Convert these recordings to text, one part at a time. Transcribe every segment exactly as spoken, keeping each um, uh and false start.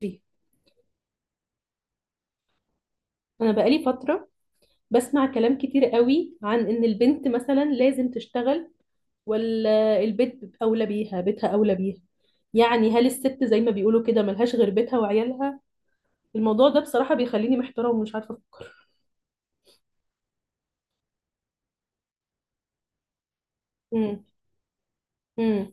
دي. انا بقالي فتره بسمع كلام كتير قوي عن ان البنت مثلا لازم تشتغل، ولا البيت اولى بيها، بيتها اولى بيها. يعني هل الست زي ما بيقولوا كده ملهاش غير بيتها وعيالها؟ الموضوع ده بصراحه بيخليني محتاره ومش عارفه افكر. امم. امم.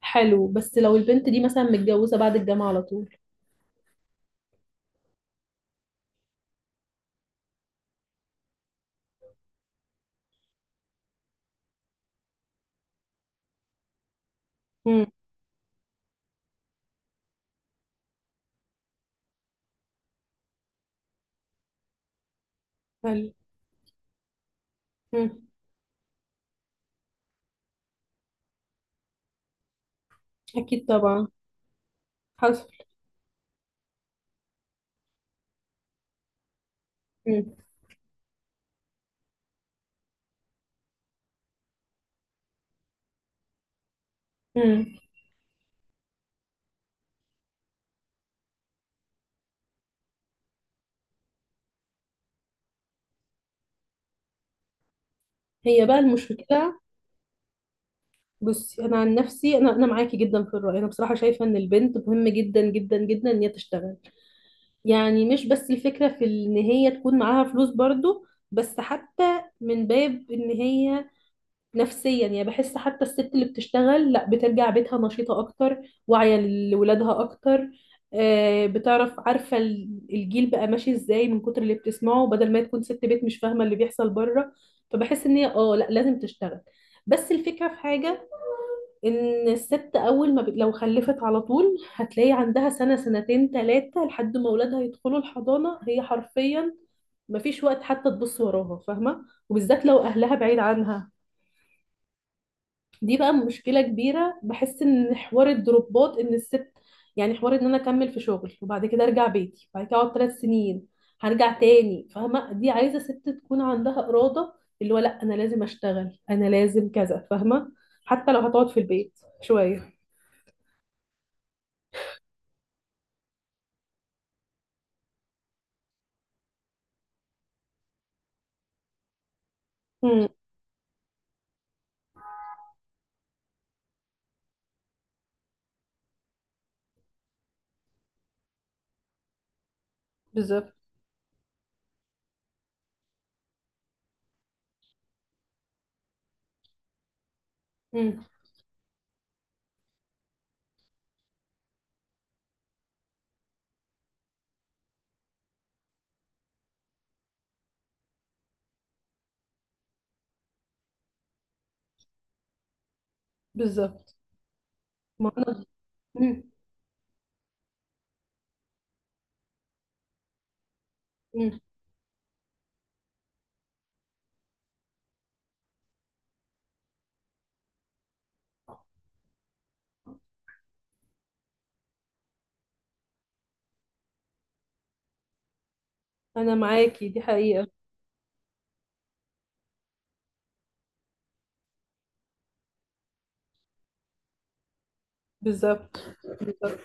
حلو، بس لو البنت دي مثلا متجوزه بعد الجامعه على طول؟ امم. حلو. امم. اكيد طبعا. حصل. امم. امم. هي بقى المشكله. بصي، انا عن نفسي، انا انا معاكي جدا في الراي. انا بصراحه شايفه ان البنت مهم جدا جدا جدا ان هي تشتغل. يعني مش بس الفكره في ان هي تكون معاها فلوس برضو، بس حتى من باب ان هي نفسيا، يعني بحس حتى الست اللي بتشتغل لا بترجع بيتها نشيطه اكتر، واعيه لولادها اكتر. آه، بتعرف عارفه ال- الجيل بقى ماشي ازاي من كتر اللي بتسمعه، بدل ما تكون ست بيت مش فاهمه اللي بيحصل بره. فبحس ان هي اه لا، لازم تشتغل. بس الفكره في حاجه، ان الست اول ما ب... لو خلفت على طول هتلاقي عندها سنة سنتين ثلاثة لحد ما اولادها يدخلوا الحضانة، هي حرفيا مفيش وقت حتى تبص وراها، فاهمة؟ وبالذات لو اهلها بعيد عنها. دي بقى مشكلة كبيرة، بحس ان حوار الدروبات، ان الست يعني حوار ان انا اكمل في شغل وبعد كده ارجع بيتي، بعد كده اقعد ثلاث سنين هرجع تاني، فاهمة؟ دي عايزة ست تكون عندها إرادة، اللي هو لا، انا لازم اشتغل، انا لازم كذا، فاهمة؟ حتى لو هتقعد في البيت شوية. بالظبط. مم. بالظبط. ما انا. مم. مم. انا معاكي دي حقيقة. بالظبط. بالظبط.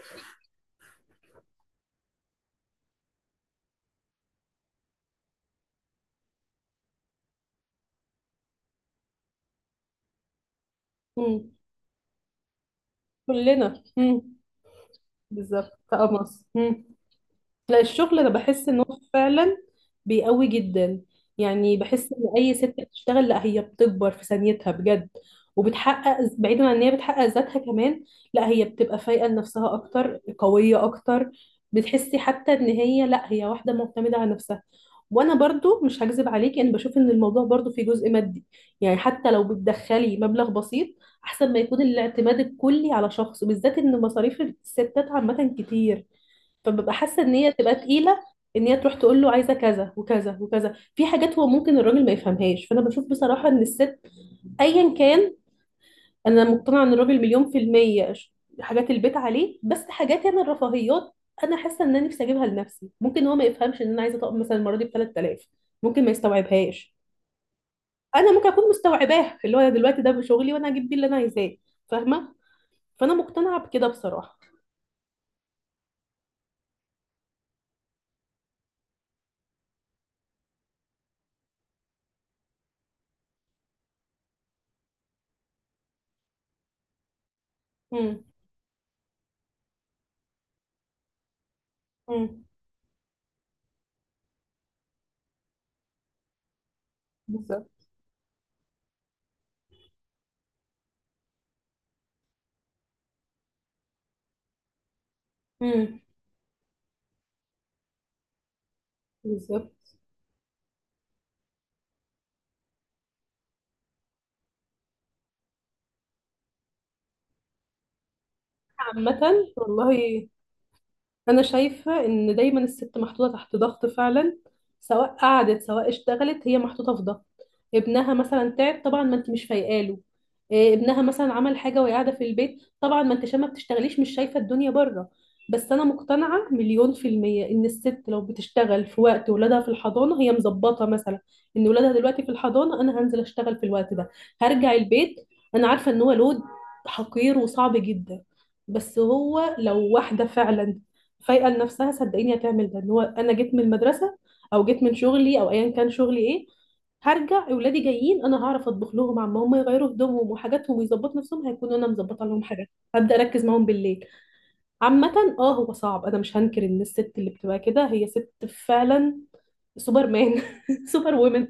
مم. كلنا مم. بالظبط كقمص. لا، الشغل انا بحس ان هو فعلا بيقوي جدا. يعني بحس ان اي ست بتشتغل لا، هي بتكبر في ثانيتها بجد، وبتحقق بعيدا عن ان هي بتحقق ذاتها كمان. لا هي بتبقى فايقه لنفسها اكتر، قويه اكتر. بتحسي حتى ان هي لا، هي واحده معتمده على نفسها. وانا برضو مش هكذب عليكي، انا بشوف ان الموضوع برضو فيه جزء مادي. يعني حتى لو بتدخلي مبلغ بسيط، احسن ما يكون الاعتماد الكلي على شخص، وبالذات ان مصاريف الستات عامه كتير. فببقى حاسه ان هي تبقى تقيله، ان هي تروح تقول له عايزه كذا وكذا وكذا في حاجات هو ممكن الراجل ما يفهمهاش. فانا بشوف بصراحه ان الست ايا كان، انا مقتنعه ان الراجل مليون في الميه، ش- حاجات البيت عليه، بس حاجات انا الرفاهيات. انا حاسه ان انا نفسي اجيبها لنفسي، ممكن هو ما يفهمش ان انا عايزه طقم مثلا المره دي ب ثلاث آلاف، ممكن ما يستوعبهاش. انا ممكن اكون مستوعباه، اللي هو أنا دلوقتي ده بشغلي وانا هجيب بيه اللي انا عايزاه، فاهمه؟ فانا مقتنعه بكده بصراحه. امم. امم. بالظبط. امم. بالظبط. عامة والله. انا شايفه ان دايما الست محطوطه تحت ضغط فعلا، سواء قعدت سواء اشتغلت هي محطوطه في ضغط. ابنها مثلا تعب، طبعا ما انت مش فايقاله. إيه، ابنها مثلا عمل حاجه وهي قاعده في البيت، طبعا ما انت عشان ما بتشتغليش مش شايفه الدنيا بره. بس انا مقتنعه مليون في الميه ان الست لو بتشتغل في وقت ولادها في الحضانه هي مظبطه، مثلا ان ولادها دلوقتي في الحضانه انا هنزل اشتغل في الوقت ده، هرجع البيت. انا عارفه ان هو لود، حقير وصعب جدا. بس هو لو واحدة فعلا فايقه لنفسها، صدقيني هتعمل ده، ان هو انا جيت من المدرسه او جيت من شغلي او ايا كان شغلي ايه، هرجع اولادي جايين، انا هعرف اطبخ لهم، عما هم يغيروا هدومهم وحاجاتهم ويظبطوا نفسهم، هيكونوا انا مظبطه لهم حاجات، هبدا اركز معاهم بالليل. عامه، اه هو صعب، انا مش هنكر ان الست اللي بتبقى كده هي ست فعلا، سوبر مان سوبر وومن.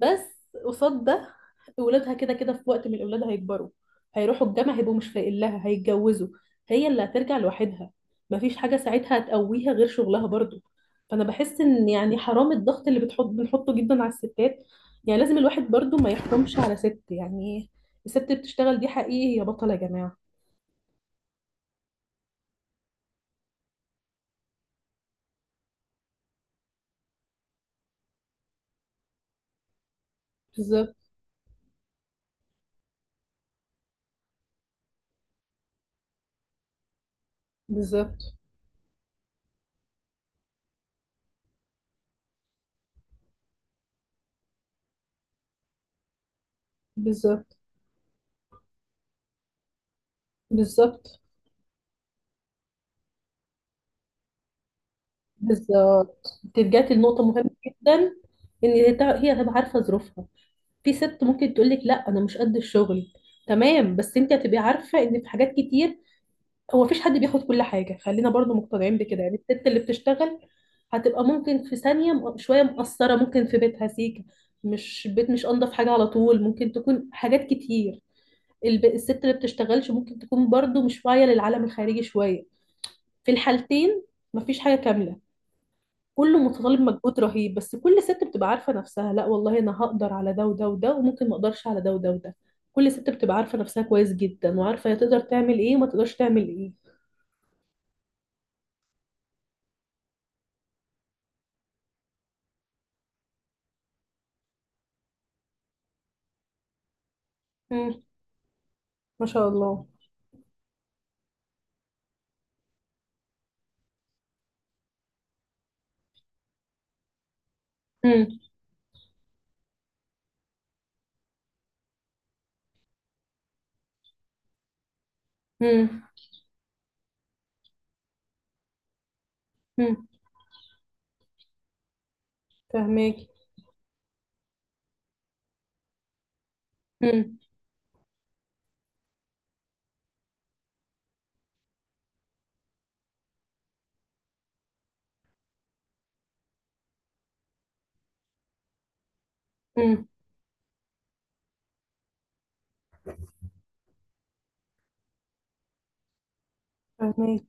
بس قصاد ده، ولادها كده كده في وقت من الأولاد هيكبروا، هيروحوا الجامعة، هيبقوا مش لاقيين لها، هيتجوزوا، هي اللي هترجع لوحدها، مفيش حاجة ساعتها هتقويها غير شغلها برضو. فأنا بحس إن، يعني حرام الضغط اللي بتحط بنحطه جدا على الستات. يعني لازم الواحد برضو ما يحكمش على ست، يعني الست بتشتغل دي حقيقي يا بطلة يا جماعة. بالظبط. بالظبط. بالظبط. بالظبط. بالظبط. انت رجعتي لنقطة مهمة جدا، ان هي تع- هي هتبقى عارفة ظروفها. في ست ممكن تقولك لا انا مش قد الشغل، تمام، بس انت هتبقي عارفه ان في حاجات كتير، هو مفيش حد بياخد كل حاجه، خلينا برضو مقتنعين بكده، يعني الست اللي بتشتغل هتبقى ممكن في ثانيه م- شويه مقصره، ممكن في بيتها سيكه مش بيت، مش انضف حاجه على طول، ممكن تكون حاجات كتير. الب- الست اللي بتشتغلش ممكن تكون برضو مش واعيه للعالم الخارجي شويه. في الحالتين مفيش حاجه كامله، كله متطلب مجهود رهيب، بس كل ست بتبقى عارفة نفسها، لا والله انا هقدر على ده وده وده، وممكن ما اقدرش على ده وده وده. كل ست بتبقى عارفة نفسها كويس جدا، وعارفة هي تقدر تعمل ايه وما تقدرش تعمل ايه. امم. ما شاء الله. امم. امم. امم. فهماكي. امم. امم. فهماكي.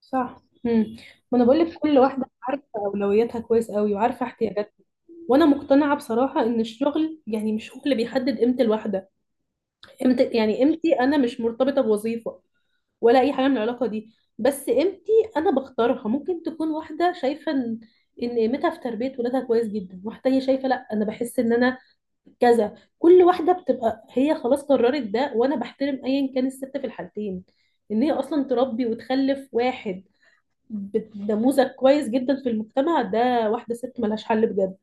صح. امم. ما انا بقول لك كل واحدة عارفة اولوياتها كويس قوي، وعارفة احتياجاتها. وانا مقتنعة بصراحة ان الشغل يعني مش هو اللي بيحدد قيمة الواحدة، قيمة، يعني قيمتي انا مش مرتبطة بوظيفة، ولا اي حاجه من العلاقه دي. بس قيمتي انا بختارها، ممكن تكون واحده شايفه ان ان قيمتها في تربيه ولادها كويس جدا، واحده تانية شايفه لا، انا بحس ان انا كذا. كل واحده بتبقى هي خلاص قررت ده، وانا بحترم ايا كان الست في الحالتين، ان هي اصلا تربي وتخلف واحد ب- نموذج كويس جدا في المجتمع ده، واحده ست ملهاش حل بجد.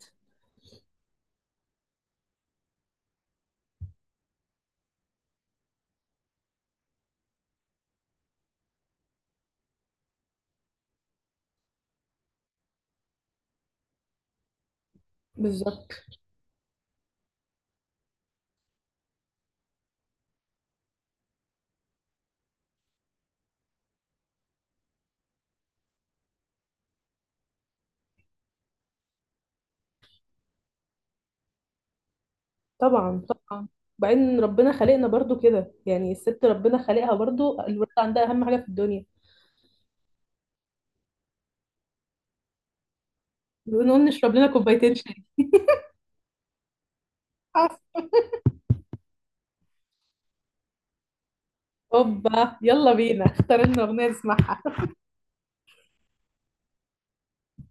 بالظبط. طبعا. طبعا. وبعدين ربنا خلقنا برضو كده، يعني الست ربنا خلقها برضو الولد عندها اهم حاجه في الدنيا. بنقول نشرب لنا كوبايتين شاي. حصل. هوبا، يلا بينا اختار لنا اغنيه نسمعها.